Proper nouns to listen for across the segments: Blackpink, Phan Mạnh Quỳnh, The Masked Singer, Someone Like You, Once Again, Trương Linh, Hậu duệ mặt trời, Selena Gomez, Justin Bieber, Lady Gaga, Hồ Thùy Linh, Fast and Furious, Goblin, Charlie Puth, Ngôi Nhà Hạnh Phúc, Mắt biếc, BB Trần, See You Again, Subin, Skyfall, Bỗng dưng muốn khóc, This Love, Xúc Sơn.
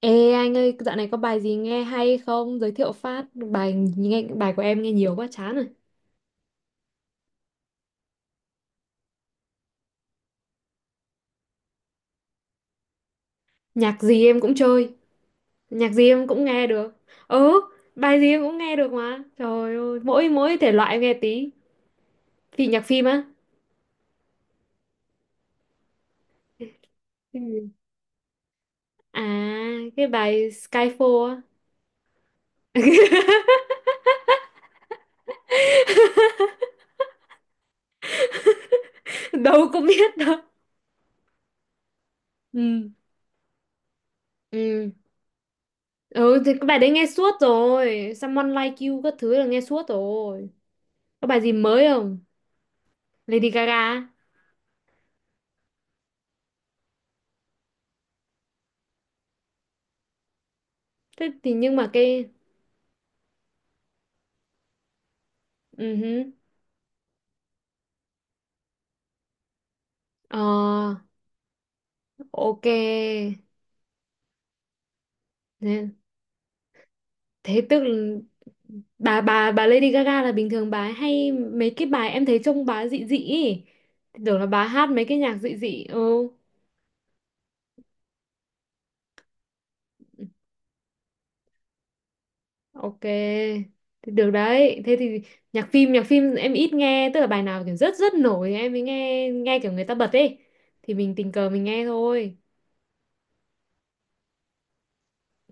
Ê anh ơi, dạo này có bài gì nghe hay không? Giới thiệu phát bài nghe bài của em nghe nhiều quá chán rồi. Nhạc gì em cũng chơi, nhạc gì em cũng nghe được. Ừ, bài gì em cũng nghe được mà. Trời ơi, mỗi mỗi thể loại em nghe tí. Thì nhạc phim á. Ừ. À, cái bài Skyfall á. Đâu có biết đâu. Ừ. Ừ. Ừ thì cái bài đấy nghe suốt rồi. Someone Like You các thứ là nghe suốt rồi. Có bài gì mới không? Lady Gaga á. Thế thì nhưng mà cái ừ hứ. Ờ, ok. Thế, thế tức là bà Lady Gaga là bình thường bà ấy hay mấy cái bài em thấy trông bà dị dị ý. Thì tưởng là bà hát mấy cái nhạc dị dị. Ừ, ok. Thì được đấy. Thế thì nhạc phim, nhạc phim em ít nghe, tức là bài nào kiểu rất rất nổi thì em mới nghe, nghe kiểu người ta bật ấy. Thì mình tình cờ mình nghe thôi.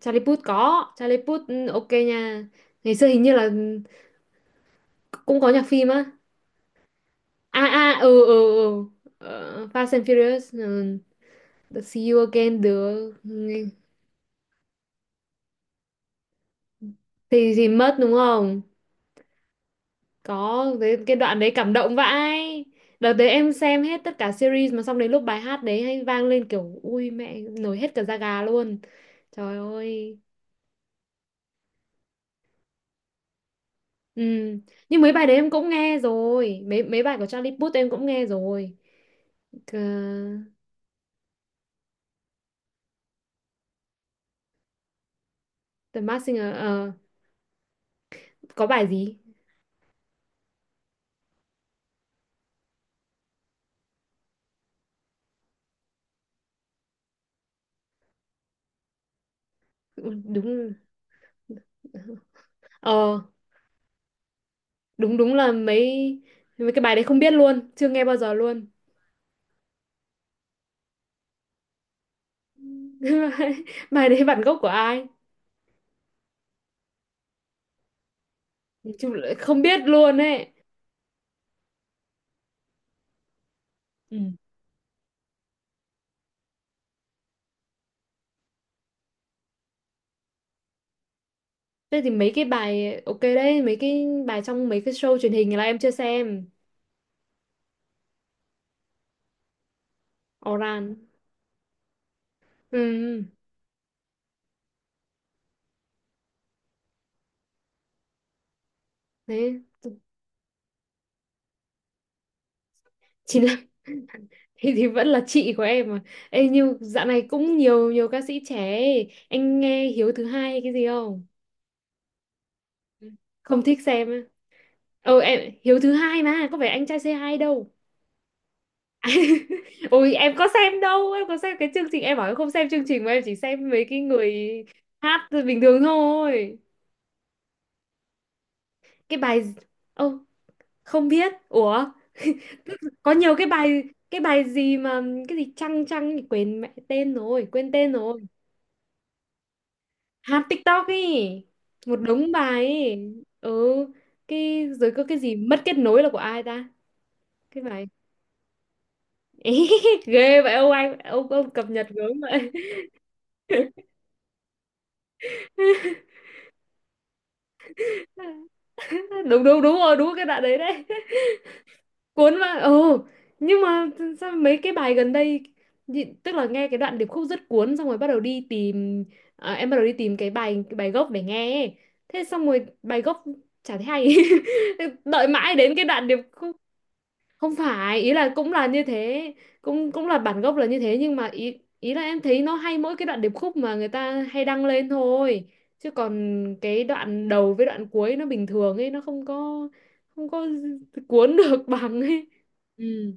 Charlie Puth có, Charlie Puth ừ, ok nha. Ngày xưa hình như là cũng có nhạc phim á. À à ừ ừ ừ. Ờ, Fast and Furious ừ, the See You Again được. Thì mất đúng không? Có cái đoạn đấy cảm động vãi. Đợt đấy em xem hết tất cả series mà xong đến lúc bài hát đấy hay vang lên kiểu ui mẹ nổi hết cả da gà luôn. Trời ơi. Ừ. Nhưng mấy bài đấy em cũng nghe rồi. Mấy mấy bài của Charlie Puth em cũng nghe rồi. Ờ, The Masked Singer ờ, có bài gì? Ừ, đúng. Ờ đúng đúng là mấy, mấy cái bài đấy không biết luôn, chưa nghe bao giờ luôn. Bài đấy bản gốc của ai? Nói chung là không biết luôn ấy. Ừ. Thế thì mấy cái bài ok đấy, mấy cái bài trong mấy cái show truyền hình là em chưa xem. Oran ừ. Đấy chỉ là thì vẫn là chị của em mà. Ê, nhưng dạo này cũng nhiều, nhiều ca sĩ trẻ ấy. Anh nghe Hiếu thứ hai hay cái gì không? Không thích xem á. Ờ em Hiếu thứ hai mà có phải anh trai c hai đâu. Ôi em có xem đâu. Em có xem cái chương trình. Em bảo em không xem chương trình. Mà em chỉ xem mấy cái người hát bình thường thôi. Cái bài ô không biết. Ủa. Có nhiều cái bài. Cái bài gì mà, cái gì chăng chăng thì. Quên mẹ tên rồi, quên tên rồi. Hát TikTok ấy. Một đống bài ấy. Ừ cái rồi có cái gì mất kết nối là của ai ta? Cái bài ghê vậy ông anh. Ông cập nhật gớm vậy. Đúng đúng đúng rồi, đúng cái đoạn đấy đấy. Cuốn mà ừ. Nhưng mà sao mấy cái bài gần đây tức là nghe cái đoạn điệp khúc rất cuốn xong rồi bắt đầu đi tìm. À, em bắt đầu đi tìm cái bài, cái bài gốc để nghe ấy. Thế xong rồi bài gốc chả thấy hay. Đợi mãi đến cái đoạn điệp khúc. Không phải, ý là cũng là như thế, cũng cũng là bản gốc là như thế nhưng mà ý, ý là em thấy nó hay mỗi cái đoạn điệp khúc mà người ta hay đăng lên thôi, chứ còn cái đoạn đầu với đoạn cuối nó bình thường ấy, nó không có, không có cuốn được bằng ấy. Ừ.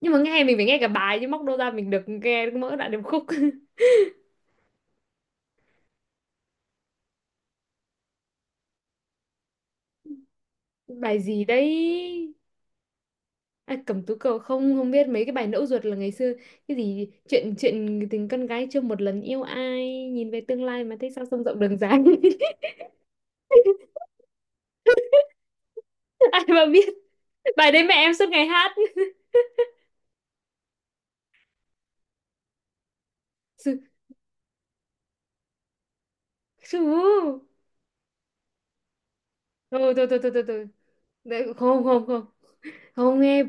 Nhưng mà nghe mình phải nghe cả bài chứ, móc đâu ra mình được nghe mỗi đoạn điệp khúc. Bài gì đấy? À, Cẩm Tú Cầu không, không biết. Mấy cái bài Ngẫu Ruột là ngày xưa cái gì chuyện, chuyện tình con gái chưa một lần yêu ai, nhìn về tương lai mà thấy sao sông rộng đường dài. Ai mà biết, bài đấy mẹ em suốt ngày hát. Sư- Sư, thôi thôi thôi thôi thôi thôi. Đấy, không không không, không nghe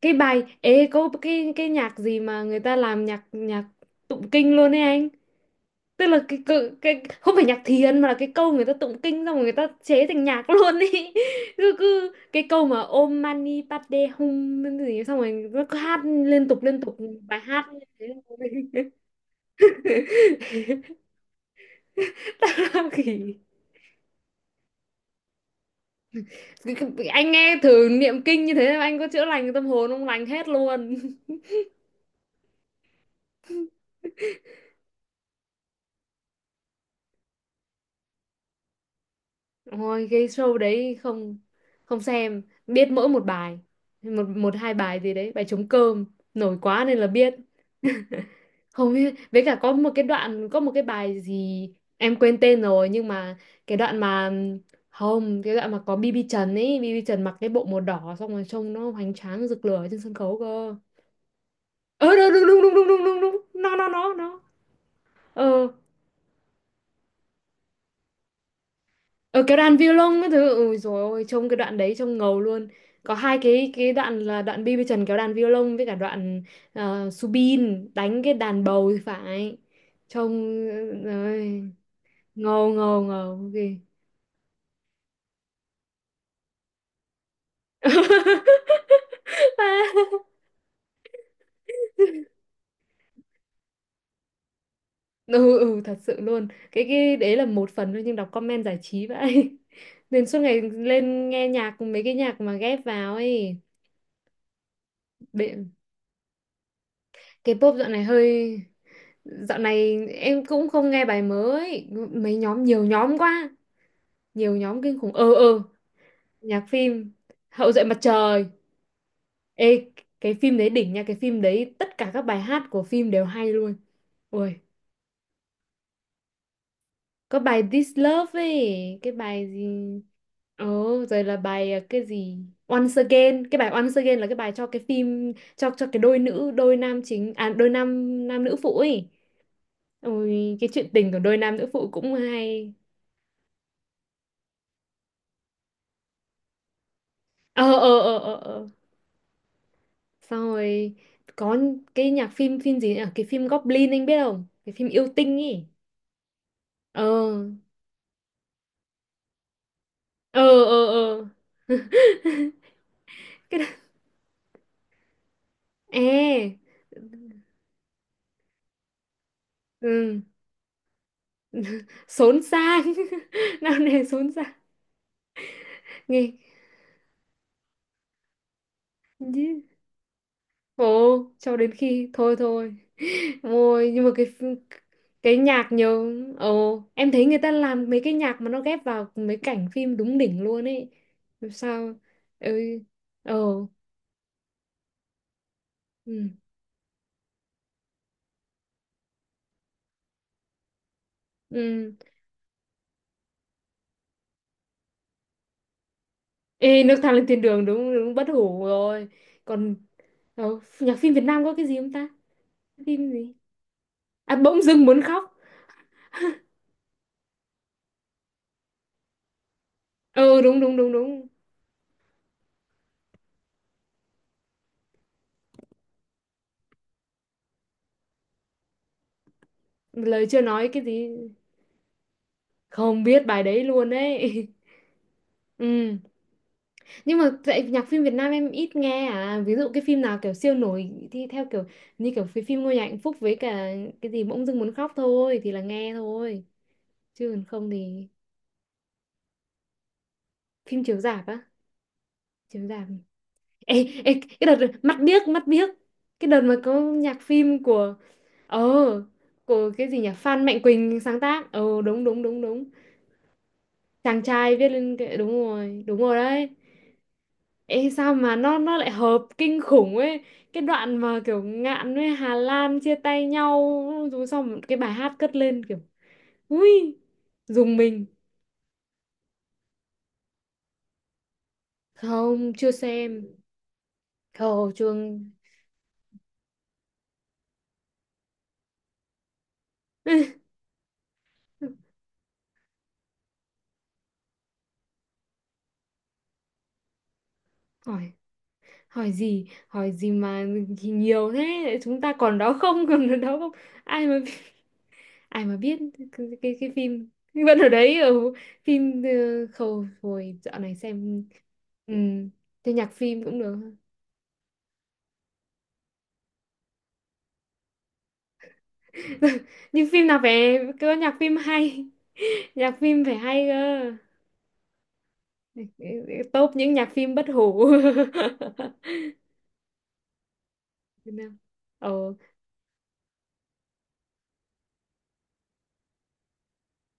cái bài. Ê có cái nhạc gì mà người ta làm nhạc, nhạc tụng kinh luôn ấy anh. Tức là cái không phải nhạc thiền mà là cái câu người ta tụng kinh xong rồi người ta chế thành nhạc luôn ý, cứ, cứ cái câu mà Om Mani Padme Hum cái gì xong rồi nó cứ hát liên tục bài hát như thế. Tao kỳ. Anh nghe thử niệm kinh như thế mà anh có chữa lành tâm hồn không? Lành hết luôn. Ôi cái show đấy không, không xem. Biết mỗi một bài, một, một hai bài gì đấy, bài trống cơm nổi quá nên là biết. Hầu như với cả có một cái đoạn, có một cái bài gì em quên tên rồi nhưng mà cái đoạn mà không, cái đoạn mà có BB Trần ấy, BB Trần mặc cái bộ màu đỏ xong rồi trông nó hoành tráng rực lửa trên sân khấu cơ. Ờ đúng đúng đúng đúng đúng đúng đúng đúng nó nó. Ờ ờ cái đoạn violon cái thứ ôi rồi ôi trông cái đoạn đấy trông ngầu luôn. Có hai cái đoạn là đoạn BB Trần kéo đàn violon với cả đoạn ờ, Subin đánh cái đàn bầu thì phải. Trông ờ, ơi ngầu ngầu ngầu ghê. Ừ, ừ thật sự luôn, cái đấy là một phần thôi nhưng đọc comment giải trí vậy. Nên suốt ngày lên nghe nhạc mấy cái nhạc mà ghép vào ấy. Bệ- cái pop dạo này hơi, dạo này em cũng không nghe bài mới mấy, nhóm nhiều nhóm quá, nhiều nhóm kinh khủng. Ờ ờ nhạc phim Hậu duệ mặt trời. Ê cái phim đấy đỉnh nha, cái phim đấy tất cả các bài hát của phim đều hay luôn. Ui có bài This Love ấy, cái bài gì. Ồ rồi là bài à, cái gì Once Again, cái bài Once Again là cái bài cho cái phim, cho cái đôi nữ, đôi nam chính à đôi nam, nam nữ phụ ấy. Ôi cái chuyện tình của đôi nam nữ phụ cũng hay. Ờ ờ ờ ờ ờ. Xong rồi có cái nhạc phim phim gì nhỉ, cái phim Goblin anh biết không, cái phim yêu tinh ấy. Ờ ờ ờ ờ. Cái đó... ê ừ xốn sang, nào nề xốn sang nghe nhí. Ồ, cho đến khi thôi thôi. Ôi, nhưng mà cái nhạc nhiều ồ em thấy người ta làm mấy cái nhạc mà nó ghép vào mấy cảnh phim đúng đỉnh luôn ấy. Sao ơi ồ ừ ừ. Ê nước thang lên thiên đường đúng đúng bất hủ rồi. Còn ồ, nhạc phim Việt Nam có cái gì không ta? Phim gì à bỗng dưng muốn khóc. Ừ đúng đúng đúng đúng. Lời chưa nói cái gì, không biết bài đấy luôn ấy. Ừ nhưng mà tại nhạc phim Việt Nam em ít nghe, à ví dụ cái phim nào kiểu siêu nổi thì theo kiểu như kiểu phim, phim Ngôi Nhà Hạnh Phúc với cả cái gì bỗng dưng muốn khóc thôi thì là nghe thôi, chứ còn không thì. Phim chiếu rạp á, chiếu rạp. Ê, ê cái đợt mắt biếc, mắt biếc cái đợt mà có nhạc phim của ờ của cái gì nhỉ Phan Mạnh Quỳnh sáng tác ờ đúng đúng đúng đúng. Chàng trai viết lên cái đúng rồi đấy. Ê sao mà nó lại hợp kinh khủng ấy. Cái đoạn mà kiểu Ngạn với Hà Lan chia tay nhau. Rồi xong cái bài hát cất lên kiểu ui dùng mình. Không chưa xem. Không chưa. Hỏi, hỏi gì? Hỏi gì mà nhiều thế? Chúng ta còn đó không, còn ở đó không? Ai mà biết- Ai mà biết cái phim vẫn ở đấy ở phim ờ, khâu hồi dạo này xem. Ừ. Thế nhạc phim cũng được. Nhưng phim nào phải có nhạc phim hay, nhạc phim phải hay cơ, tốt những nhạc phim bất hủ. Việt Nam ồ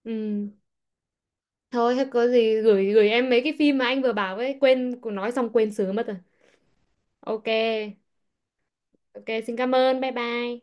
ừ. Thôi thế có gì gửi, gửi em mấy cái phim mà anh vừa bảo ấy, quên nói xong quên sửa mất rồi. Ok ok xin cảm ơn, bye bye.